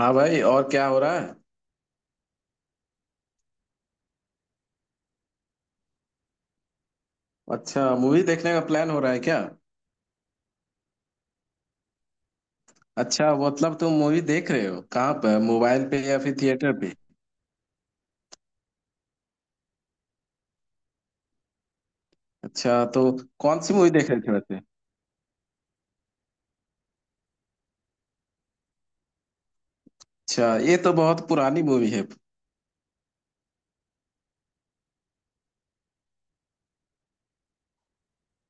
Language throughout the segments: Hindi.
हाँ भाई। और क्या हो रहा है? अच्छा, मूवी देखने का प्लान हो रहा है क्या? अच्छा, मतलब तुम मूवी देख रहे हो कहाँ पर, मोबाइल पे या फिर थिएटर पे? अच्छा तो कौन सी मूवी देख रहे थे वैसे? अच्छा, ये तो बहुत पुरानी मूवी है।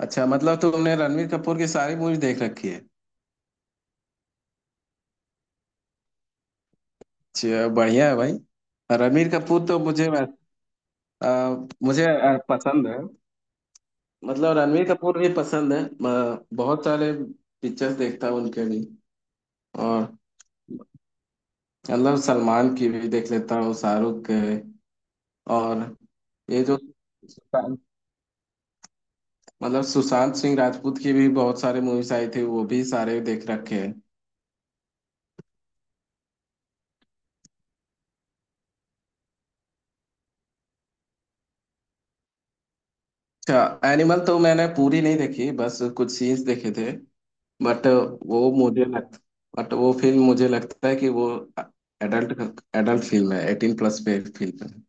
अच्छा, मतलब तुमने रणवीर कपूर की सारी मूवी देख रखी है? अच्छा, बढ़िया है भाई। रणवीर कपूर तो आ, मुझे पसंद है। मतलब रणवीर कपूर भी पसंद है, बहुत सारे पिक्चर्स देखता हूँ उनके भी। और मतलब सलमान की भी देख लेता हूँ, शाहरुख के। और ये जो मतलब सुशांत सिंह राजपूत की भी बहुत सारे मूवीज आई थी, वो भी सारे देख रखे हैं। अच्छा, एनिमल तो मैंने पूरी नहीं देखी, बस कुछ सीन्स देखे थे। बट वो मुझे लग बट वो फिल्म मुझे लगता है कि वो एडल्ट एडल्ट फिल्म है, 18+ पे फिल्म है।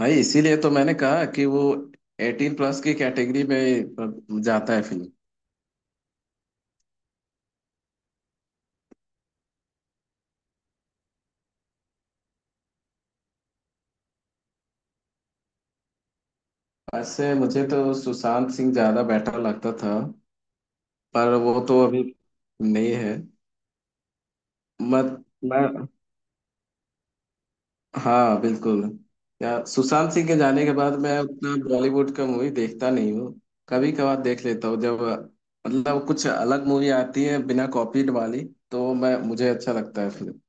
भाई, इसीलिए तो मैंने कहा कि वो 18+ की कैटेगरी में जाता है फिल्म। वैसे मुझे तो सुशांत सिंह ज्यादा बेटर लगता था। पर वो तो अभी नहीं है। मत मैं हाँ, बिल्कुल। या सुशांत सिंह के जाने के बाद मैं उतना बॉलीवुड का मूवी देखता नहीं हूँ, कभी कभार देख लेता हूँ जब मतलब कुछ अलग मूवी आती है, बिना कॉपीड वाली तो मैं मुझे अच्छा लगता है फिल्म।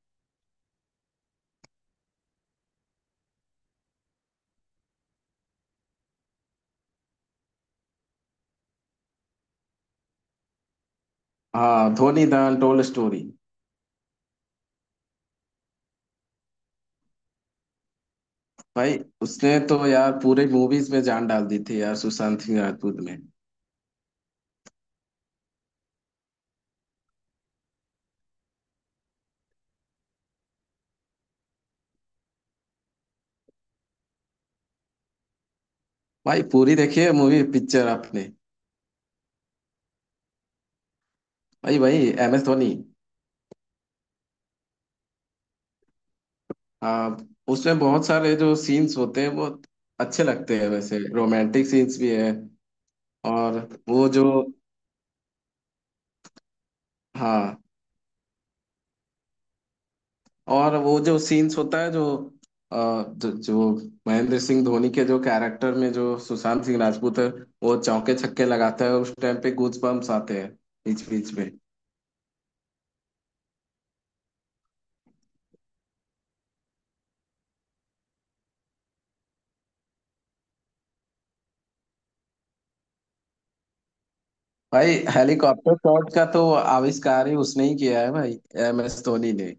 हाँ, धोनी द अनटोल्ड स्टोरी। भाई, उसने तो यार पूरे मूवीज में जान डाल दी थी यार, सुशांत सिंह राजपूत ने। भाई, पूरी देखिए मूवी पिक्चर आपने? भाई भाई, एम एस धोनी। आ, उसमें बहुत सारे जो सीन्स होते हैं वो अच्छे लगते हैं, वैसे रोमांटिक सीन्स भी है। और वो जो हाँ, और वो जो सीन्स होता है जो आ, जो, जो महेंद्र सिंह धोनी के जो कैरेक्टर में जो सुशांत सिंह राजपूत है, वो चौके छक्के लगाता है, उस टाइम पे गूज बम्प्स आते हैं बीच बीच में। भाई, हेलीकॉप्टर शॉट का तो आविष्कार ही उसने ही किया है भाई, एम एस धोनी ने।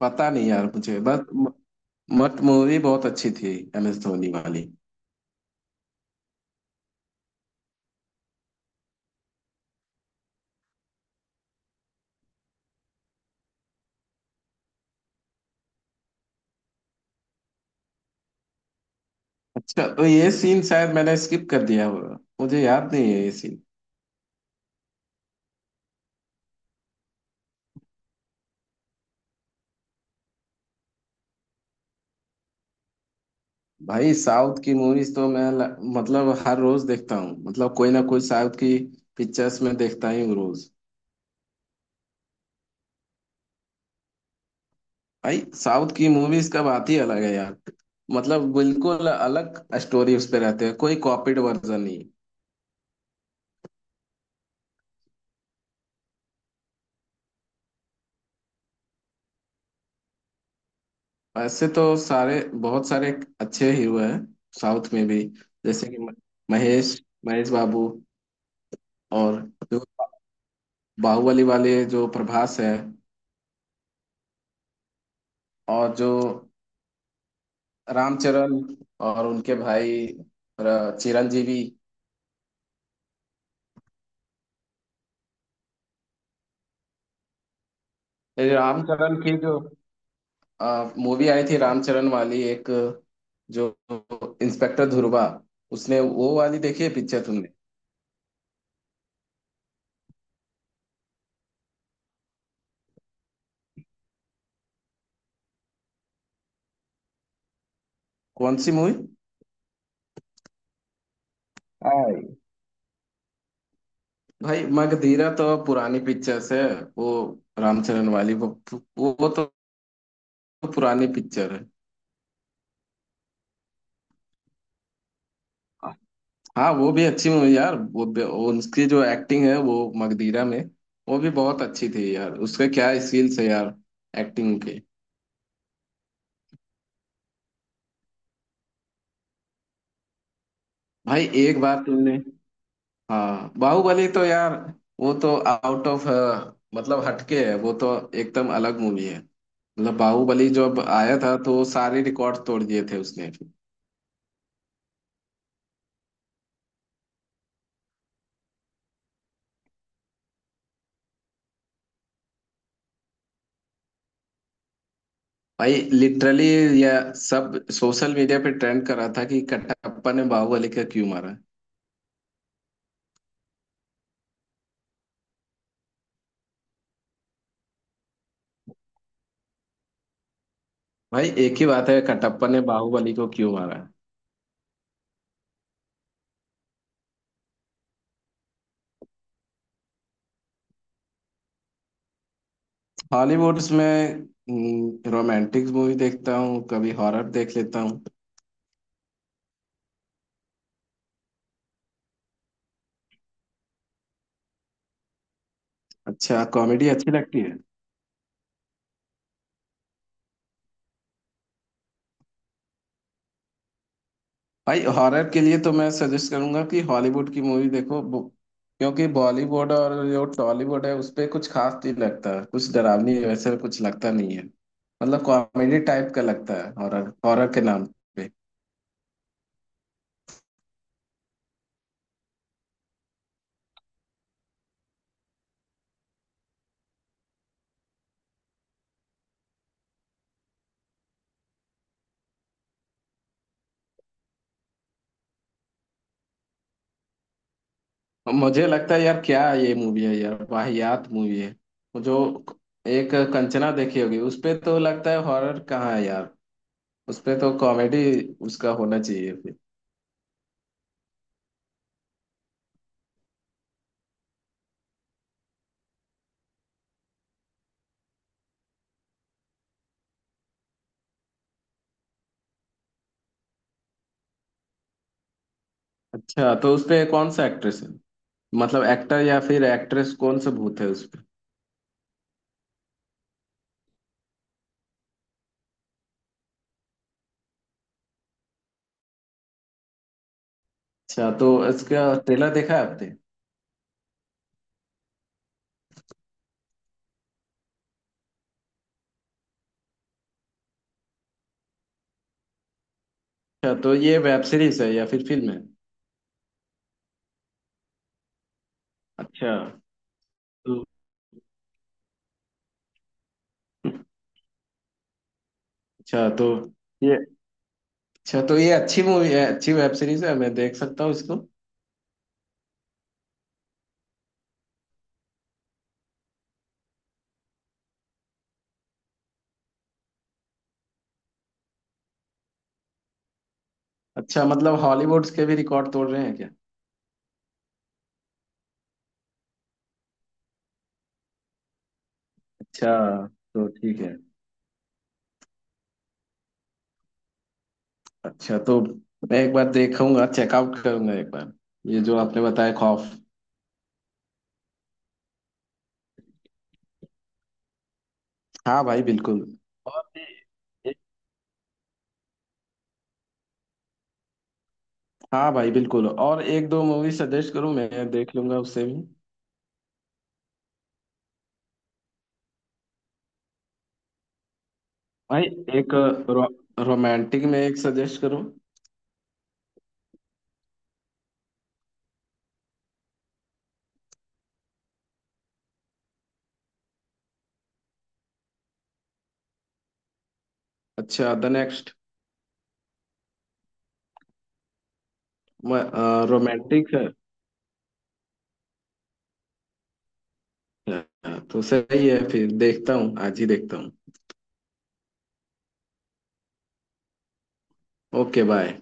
पता नहीं यार मुझे, बस म- मट मूवी बहुत अच्छी थी एम एस धोनी वाली। अच्छा तो ये सीन शायद मैंने स्किप कर दिया होगा, मुझे याद नहीं है ये सीन। भाई, साउथ की मूवीज तो मैं मतलब हर रोज देखता हूँ, मतलब कोई ना कोई साउथ की पिक्चर्स में देखता ही हूँ रोज। भाई, साउथ की मूवीज का बात ही अलग है यार, मतलब बिल्कुल अलग स्टोरी उस पे रहते हैं, कोई कॉपीड वर्जन नहीं। ऐसे तो सारे बहुत सारे अच्छे हीरो हैं साउथ में भी। जैसे कि म- महेश महेश बाबू। और जो बाहुबली वाले जो प्रभास है। और जो रामचरण, और उनके भाई चिरंजीवी। ये रामचरण की जो मूवी आई थी, रामचरण वाली एक, जो इंस्पेक्टर ध्रुवा, उसने वो वाली देखी है पिक्चर तुमने? कौन सी मूवी? भाई, मगधीरा तो पुरानी पिक्चर्स है, वो रामचरण वाली वो वो तो पुरानी पिक्चर है। हाँ, वो भी अच्छी मूवी यार, वो उसकी जो एक्टिंग है वो मगधीरा में, वो भी बहुत अच्छी थी यार, उसके क्या स्किल्स है यार, एक्टिंग के। भाई एक बार तुमने हाँ, बाहुबली तो यार, वो तो आउट ऑफ, मतलब हटके है वो तो, एकदम अलग मूवी है, मतलब बाहुबली जब आया था तो वो सारे रिकॉर्ड तोड़ दिए थे उसने। भाई लिटरली यह सब सोशल मीडिया पे ट्रेंड कर रहा था कि कटप्पा ने बाहुबली को क्यों मारा है। भाई, एक ही बात है, कटप्पा ने बाहुबली को क्यों मारा है। हॉलीवुड्स में रोमांटिक मूवी देखता हूँ, कभी हॉरर देख लेता हूँ। अच्छा, कॉमेडी अच्छी लगती है। भाई, हॉरर के लिए तो मैं सजेस्ट करूंगा कि हॉलीवुड की मूवी देखो, क्योंकि बॉलीवुड और जो टॉलीवुड है उस पे कुछ खास नहीं लगता, कुछ डरावनी वैसे कुछ लगता नहीं है। मतलब कॉमेडी टाइप का लगता है हॉरर, हॉरर के नाम पे। मुझे लगता है यार क्या ये मूवी है यार, वाहियात मूवी है। वो जो एक कंचना देखी होगी, उस पे तो लगता है हॉरर कहाँ है यार, उस पे तो कॉमेडी उसका होना चाहिए फिर। अच्छा तो उस पे कौन सा एक्ट्रेस है, मतलब एक्टर या फिर एक्ट्रेस, कौन सा भूत है उस पे? अच्छा तो इसका ट्रेलर देखा है आपने? अच्छा तो ये वेब सीरीज है या फिर फिल्म है? अच्छा तो अच्छा तो ये अच्छा तो ये अच्छी मूवी है, अच्छी वेब सीरीज है, मैं देख सकता हूँ इसको? अच्छा, मतलब हॉलीवुड के भी रिकॉर्ड तोड़ रहे हैं क्या? अच्छा तो ठीक है। अच्छा तो मैं एक बार देखूंगा, चेकआउट करूंगा एक बार, ये जो आपने बताया खौफ। हाँ भाई बिल्कुल। और भी- एक- हाँ भाई बिल्कुल, और एक दो मूवी सजेस्ट करूँ मैं देख लूंगा उससे भी। भाई, एक रो, रोमांटिक में एक सजेस्ट करूँ? अच्छा, द नेक्स्ट। रोमांटिक है? हाँ, तो सही है, फिर देखता हूँ आज ही देखता हूँ। Okay bye.